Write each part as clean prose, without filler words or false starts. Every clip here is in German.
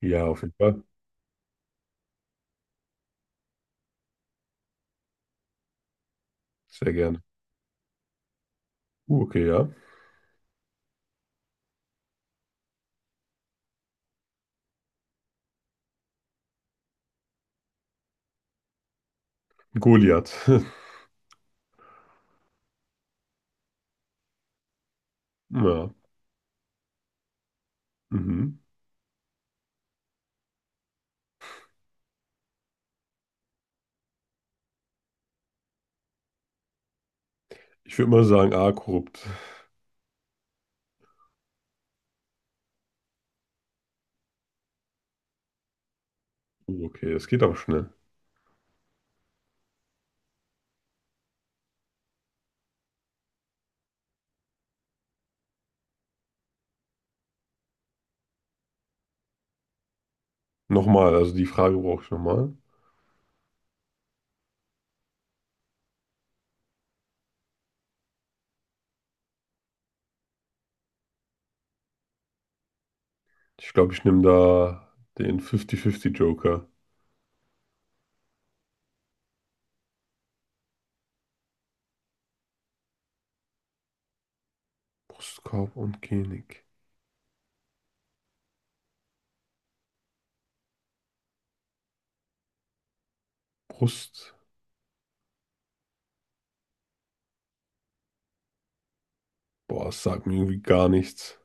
Ja, auf jeden Fall. Sehr gerne. Okay, ja. Goliath. Ja. Mhm. Ich würde mal sagen, A, korrupt. Okay, das geht aber schnell. Nochmal, also die Frage brauche ich nochmal. Ich glaube, ich nehme da den 50-50 Joker. Brustkorb und Genik. Brust. Boah, das sagt mir irgendwie gar nichts.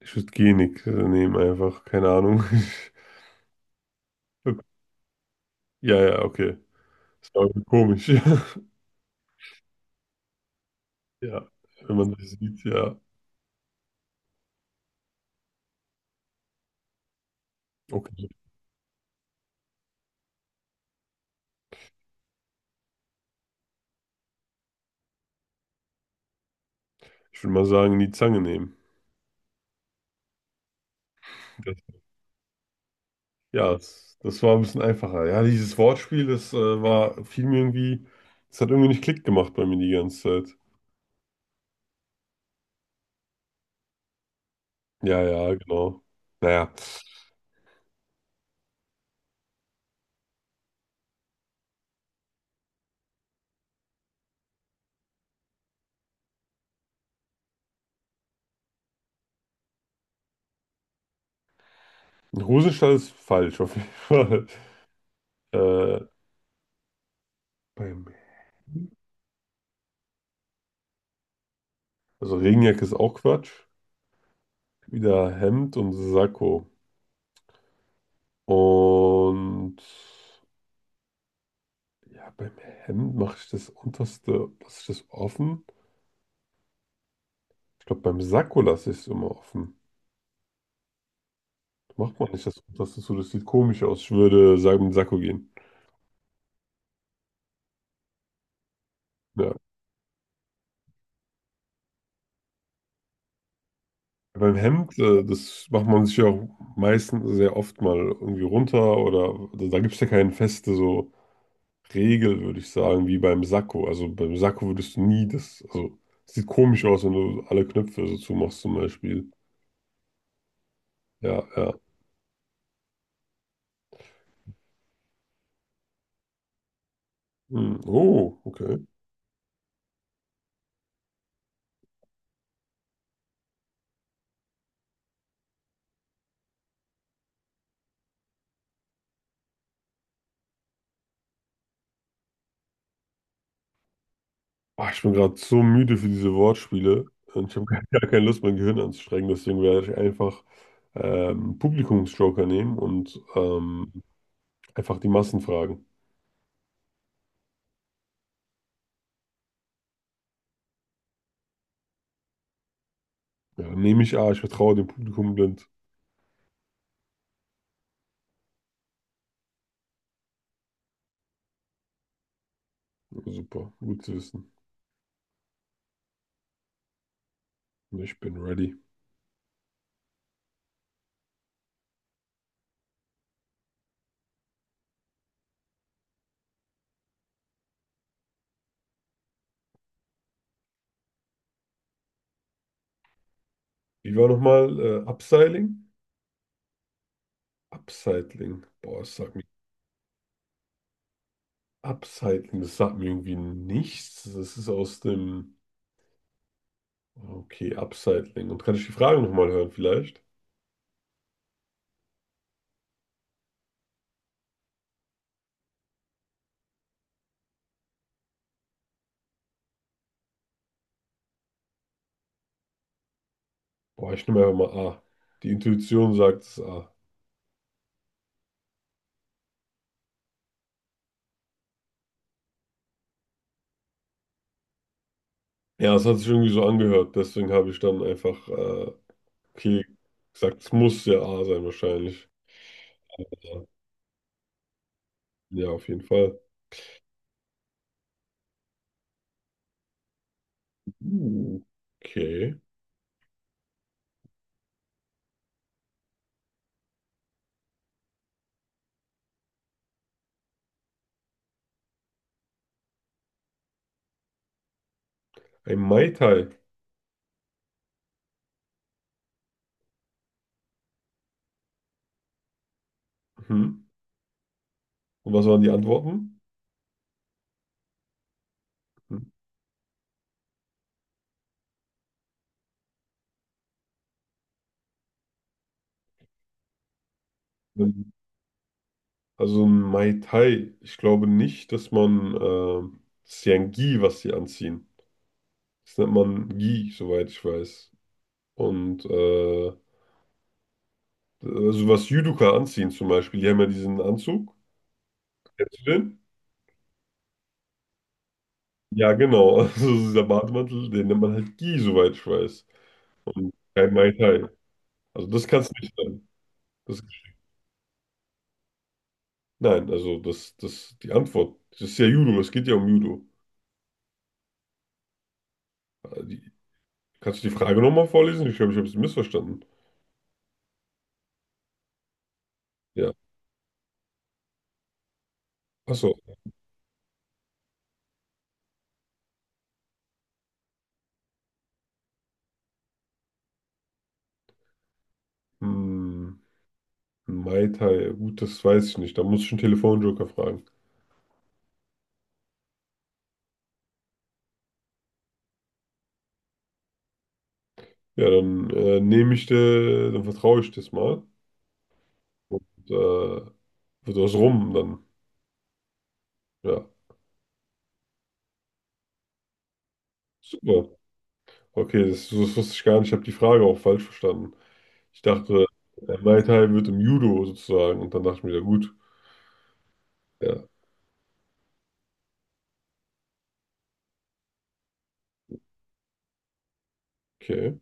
Ich würde Genik nehmen einfach. Keine Ahnung. Okay. Ja, ja, okay. Das war irgendwie komisch. Ja, wenn man das sieht, ja. Okay. Ich würde mal sagen, die Zange nehmen. Ja, das war ein bisschen einfacher. Ja, dieses Wortspiel, das war, fiel mir irgendwie, das hat irgendwie nicht Klick gemacht bei mir die ganze Zeit. Ja, ja, genau. Naja, ein Hosenstall ist falsch auf jeden Fall. Äh, beim, also Regenjacke ist auch Quatsch. Wieder Hemd und Sakko. Und ja, beim Hemd mache ich das unterste, lasse ich das offen. Ich glaube, beim Sakko lasse ich es immer offen. Macht man nicht das unterste zu, das sieht komisch aus. Ich würde sagen, mit Sakko gehen. Ja. Beim Hemd, das macht man sich ja auch meistens sehr oft mal irgendwie runter oder da gibt es ja keine feste so Regel, würde ich sagen, wie beim Sakko. Also beim Sakko würdest du nie das, also es sieht komisch aus, wenn du alle Knöpfe so zumachst zum Beispiel. Ja, ja. Hm, oh, okay. Ah, ich bin gerade so müde für diese Wortspiele und ich habe gar keine Lust, mein Gehirn anzustrengen, deswegen werde ich einfach Publikumsjoker nehmen und einfach die Massen fragen. Ja, nehme ich an, ich vertraue dem Publikum blind. Ja, super, gut zu wissen. Ich bin ready. Wie war nochmal Upstyling? Upcycling. Boah, das sagt mir. Upcycling, das sagt mir irgendwie nichts. Das ist aus dem. Okay, Upcycling. Und kann ich die Frage nochmal hören, vielleicht? Boah, ich nehme einfach mal A. Die Intuition sagt es A. Ja, es hat sich irgendwie so angehört. Deswegen habe ich dann einfach, okay, gesagt, es muss ja A sein, wahrscheinlich. Ja, ja auf jeden Fall. Uh, okay. Ein Mai Tai. Mhm. Und was waren die Antworten? Mhm. Also ein Mai Tai. Ich glaube nicht, dass das ist ja ein Gi, was die anziehen. Das nennt man Gi, soweit ich weiß. Und also was Judoka anziehen zum Beispiel, die haben ja diesen Anzug. Kennst du den? Ja, genau. Also dieser Bademantel, den nennt man halt Gi, soweit ich weiß. Und kein Mai Tai. Also das kann es nicht sein. Das, nein, also die Antwort, das ist ja Judo, es geht ja um Judo. Kannst du die Frage nochmal vorlesen? Ich glaube, ich habe sie missverstanden. Ja. Achso. Hm, Mai Tai. Gut, das weiß ich nicht. Da muss ich einen Telefonjoker fragen. Ja, dann nehme ich dir, dann vertraue ich das mal. Und wird was rum dann. Ja. Super. Okay, das wusste ich gar nicht. Ich habe die Frage auch falsch verstanden. Ich dachte, Mai Tai wird im Judo sozusagen. Und dann dachte ich mir, ja gut. Ja, okay.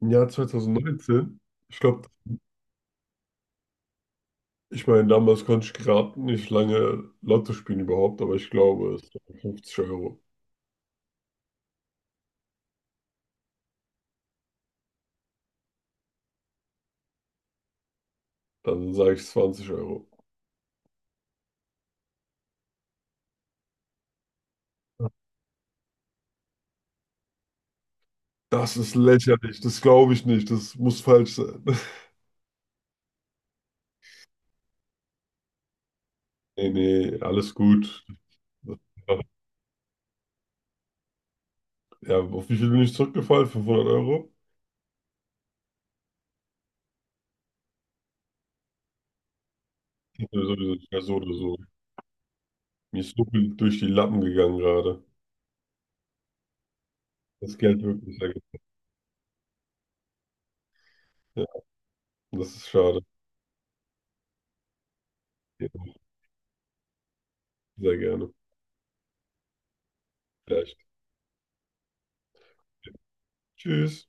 Im Jahr 2019, ich glaube, ich meine, damals konnte ich gerade nicht lange Lotto spielen überhaupt, aber ich glaube, es waren 50 Euro. Dann sage ich 20 Euro. Das ist lächerlich, das glaube ich nicht, das muss falsch sein. Nee, nee, alles gut. Ja, auf wie viel bin ich zurückgefallen? 500 Euro? Ich sowieso nicht mehr so oder so. Mir ist so viel durch die Lappen gegangen gerade. Das Geld wirklich sehr gut. Ja, das ist schade. Ja, sehr gerne. Vielleicht. Tschüss.